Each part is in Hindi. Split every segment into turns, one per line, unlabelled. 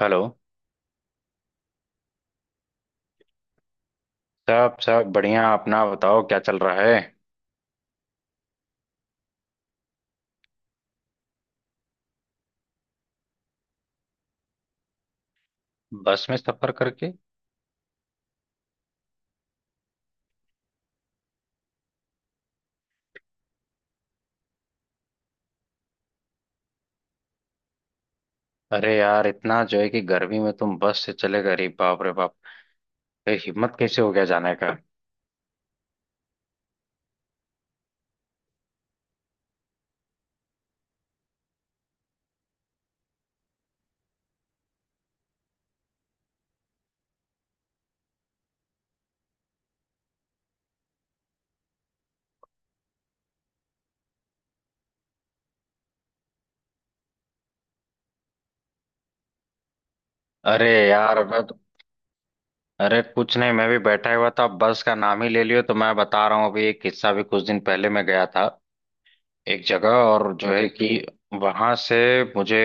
हेलो। सब सब बढ़िया। अपना बताओ, क्या चल रहा है? बस में सफर करके? अरे यार, इतना जो है कि गर्मी में तुम बस से चले गए, अरे बाप रे बाप। अरे हिम्मत कैसे हो गया जाने का? अरे यार, अरे कुछ नहीं, मैं भी बैठा हुआ था। बस का नाम ही ले लियो तो मैं बता रहा हूँ, अभी एक किस्सा भी, कुछ दिन पहले मैं गया था एक जगह, और जो है कि वहां से मुझे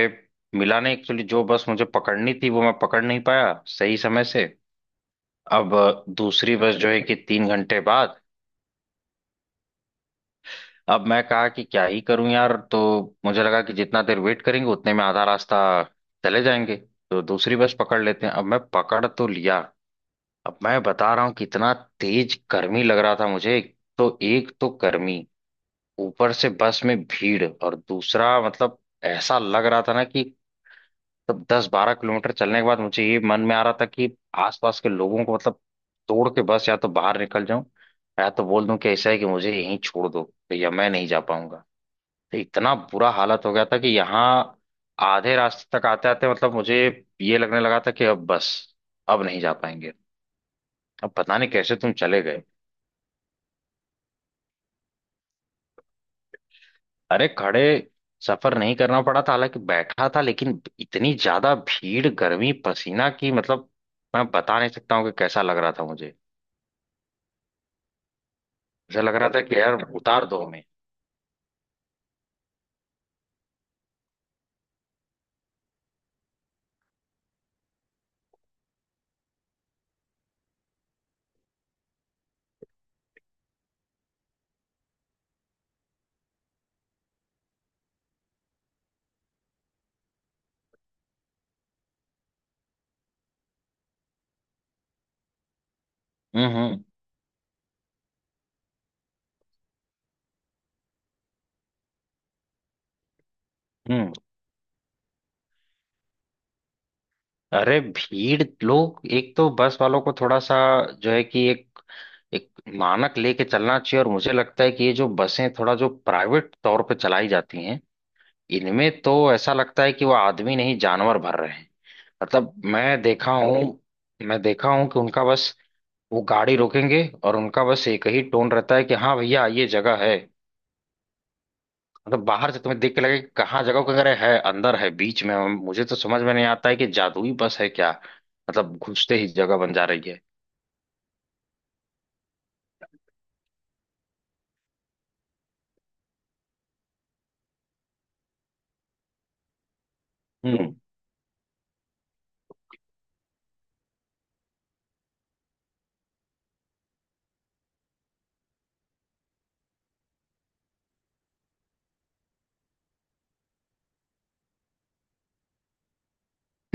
मिला नहीं। एक्चुअली जो बस मुझे पकड़नी थी वो मैं पकड़ नहीं पाया सही समय से। अब दूसरी बस जो है कि 3 घंटे बाद। अब मैं कहा कि क्या ही करूं यार, तो मुझे लगा कि जितना देर वेट करेंगे उतने में आधा रास्ता चले जाएंगे, तो दूसरी बस पकड़ लेते हैं। अब मैं पकड़ तो लिया। अब मैं बता रहा हूं कि इतना तेज गर्मी लग रहा था मुझे। तो एक तो गर्मी, ऊपर से बस में भीड़, और दूसरा, मतलब ऐसा लग रहा था ना कि तब 10-12 किलोमीटर चलने के बाद मुझे ये मन में आ रहा था कि आसपास के लोगों को मतलब तोड़ के बस या तो बाहर निकल जाऊं, या तो बोल दूं कि ऐसा है कि मुझे यहीं छोड़ दो भैया, मैं नहीं जा पाऊंगा। तो इतना बुरा हालत हो गया था कि यहाँ आधे रास्ते तक आते आते मतलब मुझे ये लगने लगा था कि अब बस, अब नहीं जा पाएंगे। अब पता नहीं कैसे तुम चले गए। अरे खड़े सफर नहीं करना पड़ा था, हालांकि बैठा था, लेकिन इतनी ज्यादा भीड़, गर्मी, पसीना की मतलब मैं बता नहीं सकता हूँ कि कैसा लग रहा था मुझे। ऐसा लग रहा था कि यार उतार दो हमें। हम्म। हम्म। हम्म। अरे भीड़ लोग, एक तो बस वालों को थोड़ा सा जो है कि एक एक मानक लेके चलना चाहिए। और मुझे लगता है कि ये जो बसें थोड़ा जो प्राइवेट तौर पे चलाई जाती हैं, इनमें तो ऐसा लगता है कि वो आदमी नहीं, जानवर भर रहे हैं। मतलब मैं देखा हूँ, मैं देखा हूँ कि उनका बस वो गाड़ी रोकेंगे और उनका बस एक ही टोन रहता है कि हाँ भैया ये जगह है। मतलब बाहर से तुम्हें देख के लगे कि कहाँ जगह को? अगर है अंदर, है बीच में, मुझे तो समझ में नहीं आता है कि जादुई बस है क्या? मतलब घुसते ही जगह बन जा रही है।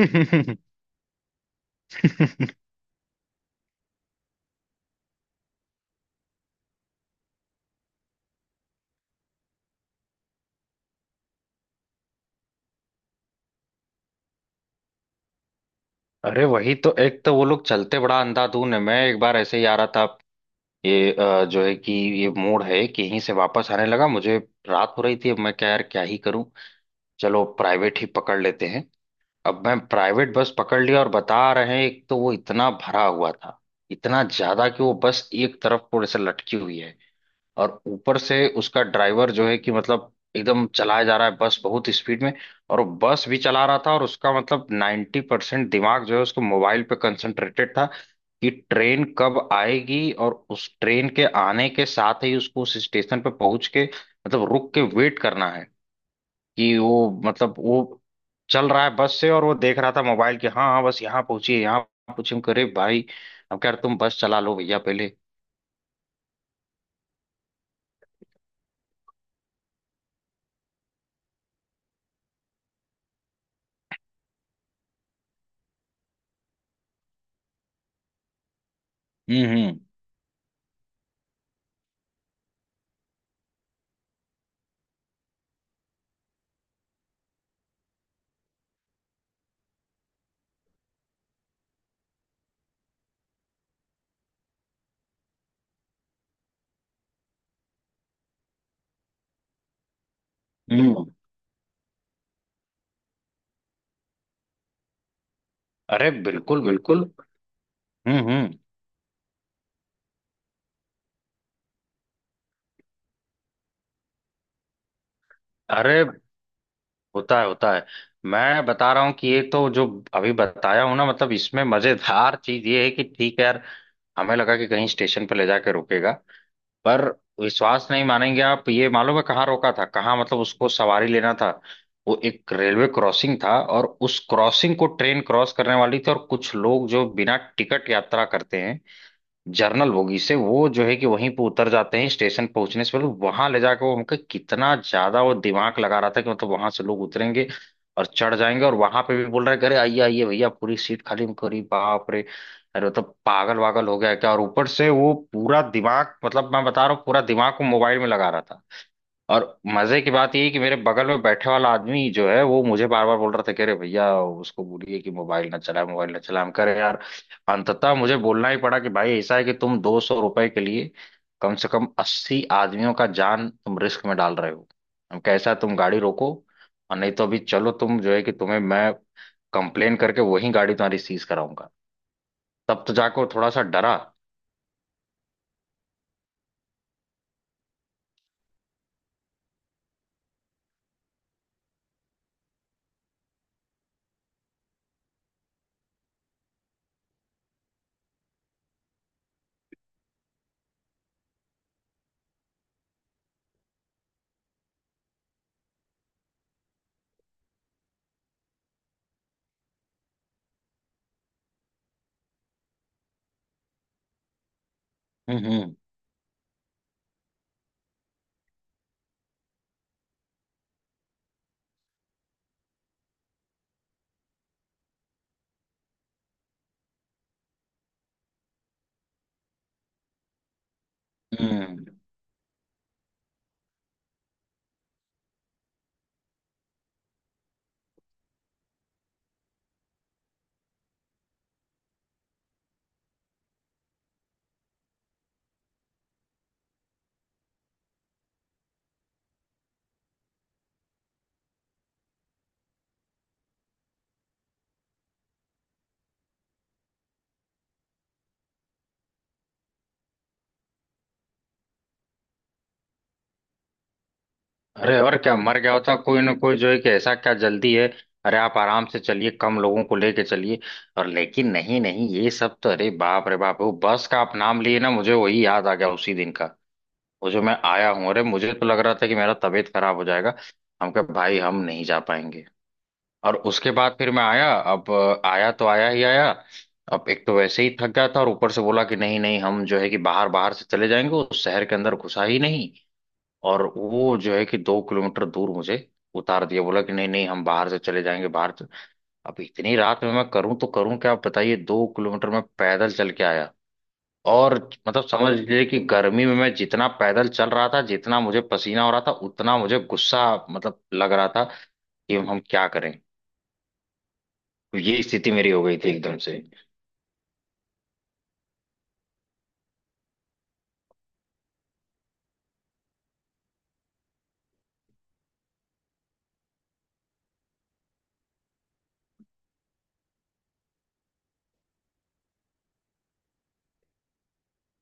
हम्म। अरे वही तो, एक तो वो लोग चलते बड़ा अंधाधुन है। मैं एक बार ऐसे ही आ रहा था, ये जो है कि ये मोड़ है कि यहीं से वापस आने लगा मुझे। रात हो रही थी, अब मैं क्या यार, क्या ही करूं, चलो प्राइवेट ही पकड़ लेते हैं। अब मैं प्राइवेट बस पकड़ लिया और बता रहे हैं, एक तो वो इतना भरा हुआ था, इतना ज्यादा कि वो बस एक तरफ को ऐसे लटकी हुई है। और ऊपर से उसका ड्राइवर जो है कि मतलब एकदम चलाया जा रहा है बस बहुत स्पीड में। और वो बस भी चला रहा था और उसका मतलब 90% दिमाग जो है उसको मोबाइल पे कंसंट्रेटेड था कि ट्रेन कब आएगी और उस ट्रेन के आने के साथ ही उसको उस स्टेशन पे पहुंच के मतलब रुक के वेट करना है। कि वो, मतलब वो चल रहा है बस से, और वो देख रहा था मोबाइल के। हाँ हाँ, बस यहाँ पहुंचिए, यहाँ पहुंचे करे भाई। अब कह रहे, तुम बस चला लो भैया पहले। हम्म। हम्म। हम्म। अरे बिल्कुल बिल्कुल। हम्म। अरे होता है होता है। मैं बता रहा हूँ कि ये तो जो अभी बताया हूँ ना, मतलब इसमें मजेदार चीज ये है कि, ठीक है यार, हमें लगा कि कहीं स्टेशन पर ले जाके रोकेगा, पर विश्वास नहीं मानेंगे आप, ये मालूम है कहाँ रोका था? कहाँ मतलब उसको सवारी लेना था? वो एक रेलवे क्रॉसिंग था और उस क्रॉसिंग को ट्रेन क्रॉस करने वाली थी, और कुछ लोग जो बिना टिकट यात्रा करते हैं जर्नल बोगी से, वो जो है कि वहीं पे उतर जाते हैं स्टेशन पहुंचने से पहले। वहां ले जाकर वो हमको, कितना ज्यादा वो दिमाग लगा रहा था कि मतलब वहां से लोग उतरेंगे और चढ़ जाएंगे। और वहां पे भी बोल रहे हैं, कि अरे आइए आइए भैया, पूरी सीट खाली, हमको अरे बाप रे। अरे मतलब तो पागल वागल हो गया क्या? और ऊपर से वो पूरा दिमाग, मतलब मैं बता रहा हूँ, पूरा दिमाग को मोबाइल में लगा रहा था। और मजे की बात ये है कि मेरे बगल में बैठे वाला आदमी जो है वो मुझे बार बार बोल रहा था कि अरे भैया उसको बोलिए कि मोबाइल ना चलाए, मोबाइल ना चलाए। हम कह रहे यार, अंततः मुझे बोलना ही पड़ा कि भाई ऐसा है कि तुम 200 रुपए के लिए कम से कम 80 आदमियों का जान तुम रिस्क में डाल रहे हो। हम कैसा, तुम गाड़ी रोको, और नहीं तो अभी चलो, तुम जो है कि तुम्हें मैं कंप्लेन करके वही गाड़ी तुम्हारी सीज कराऊंगा। तब तो जाकर वो थोड़ा सा डरा। हम्म हम्म। हम्म। अरे, और क्या, मर गया होता कोई ना कोई जो है कि, ऐसा क्या जल्दी है? अरे आप आराम से चलिए, कम लोगों को लेके चलिए। और लेकिन नहीं नहीं, ये सब तो, अरे बाप रे बाप, वो बस का आप नाम लिए ना, मुझे वही याद आ गया उसी दिन का, वो जो मैं आया हूँ। अरे मुझे तो लग रहा था कि मेरा तबीयत खराब हो जाएगा, हम कहा भाई हम नहीं जा पाएंगे। और उसके बाद फिर मैं आया। अब आया तो आया ही आया। अब एक तो वैसे ही थक गया था, और ऊपर से बोला कि नहीं नहीं, हम जो है कि बाहर, बाहर से चले जाएंगे, उस शहर के अंदर घुसा ही नहीं। और वो जो है कि 2 किलोमीटर दूर मुझे उतार दिया, बोला कि नहीं नहीं हम बाहर से चले जाएंगे, बाहर से। अब इतनी रात में मैं करूं तो करूं क्या, आप बताइए? 2 किलोमीटर मैं पैदल चल के आया। और मतलब समझ लीजिए कि गर्मी में मैं जितना पैदल चल रहा था, जितना मुझे पसीना हो रहा था, उतना मुझे गुस्सा, मतलब लग रहा था कि हम क्या करें। तो ये स्थिति मेरी हो गई थी एकदम से।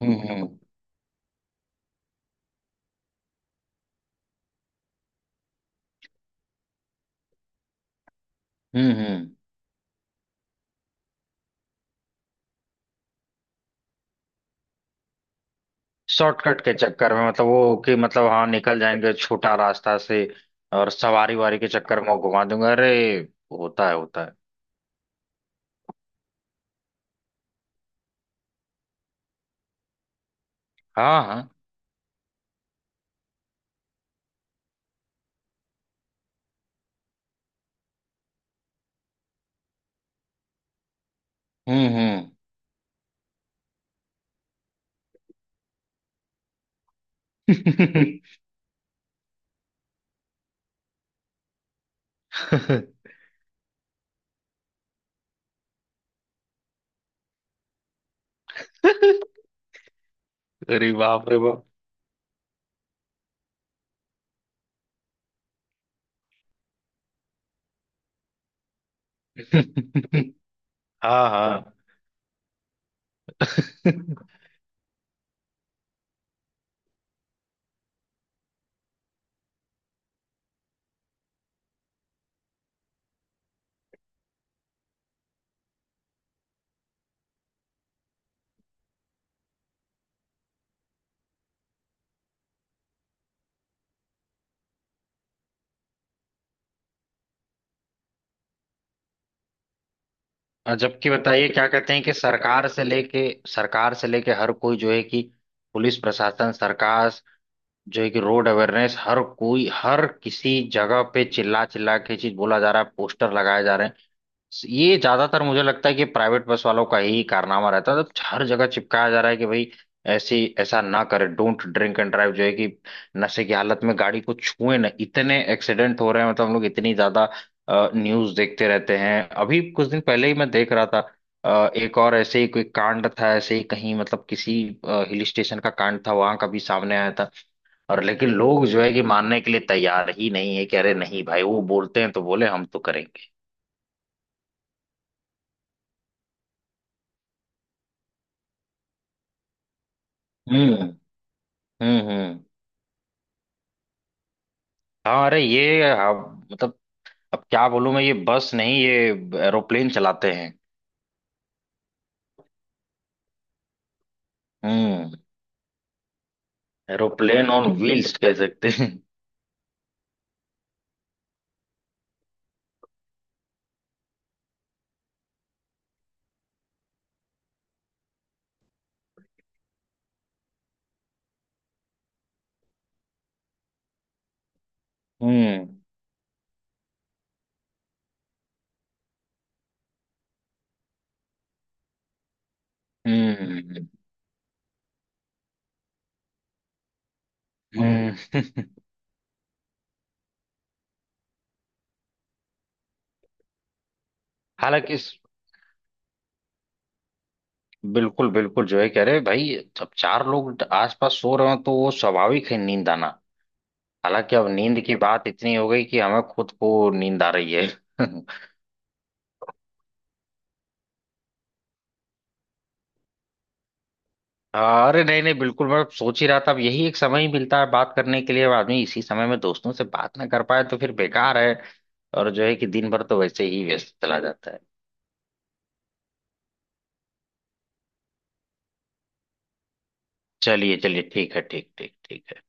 हम्म। हम्म हम्म। शॉर्टकट के चक्कर में, मतलब वो कि, मतलब हाँ, निकल जाएंगे छोटा रास्ता से, और सवारी वारी के चक्कर में वो घुमा दूंगा, अरे होता है होता है। हाँ हाँ। हम्म हम्म। अरे बाप रे बाप। हाँ हाँ। और जबकि बताइए, क्या कहते हैं कि सरकार से लेके, सरकार से लेके हर कोई जो है कि पुलिस प्रशासन सरकार जो है कि रोड अवेयरनेस, हर कोई, हर किसी जगह पे चिल्ला चिल्ला के चीज बोला जा रहा है, पोस्टर लगाए जा रहे हैं। ये ज्यादातर मुझे लगता है कि प्राइवेट बस वालों का ही कारनामा रहता है, तो हर जगह चिपकाया जा रहा है कि भाई ऐसी, ऐसा ना करे, डोंट ड्रिंक एंड ड्राइव, जो है कि नशे की हालत में गाड़ी को छुए ना। इतने एक्सीडेंट हो रहे हैं, मतलब हम लोग इतनी ज्यादा न्यूज देखते रहते हैं। अभी कुछ दिन पहले ही मैं देख रहा था एक और ऐसे ही कोई कांड था, ऐसे ही कहीं मतलब किसी हिल स्टेशन का कांड था वहां का भी सामने आया था। और लेकिन लोग जो है कि मानने के लिए तैयार ही नहीं है कि, अरे नहीं भाई, वो बोलते हैं तो बोले, हम तो करेंगे। हम्म। हाँ, अरे ये अब मतलब, अब क्या बोलूं मैं, ये बस नहीं, ये एरोप्लेन चलाते हैं। हम्म। एरोप्लेन ऑन व्हील्स कह सकते हैं। हम्म हम्म। हम्म। हालांकि इस, बिल्कुल बिल्कुल, जो है कह रहे भाई, जब 4 लोग आसपास सो रहे हो तो वो स्वाभाविक है नींद आना। हालांकि अब नींद की बात इतनी हो गई कि हमें खुद को नींद आ रही है। अरे नहीं नहीं बिल्कुल, मैं सोच ही रहा था, अब यही एक समय ही मिलता है बात करने के लिए, अब आदमी इसी समय में दोस्तों से बात ना कर पाए तो फिर बेकार है। और जो है कि दिन भर तो वैसे ही व्यस्त चला जाता है। चलिए चलिए, ठीक है, ठीक ठीक ठीक है।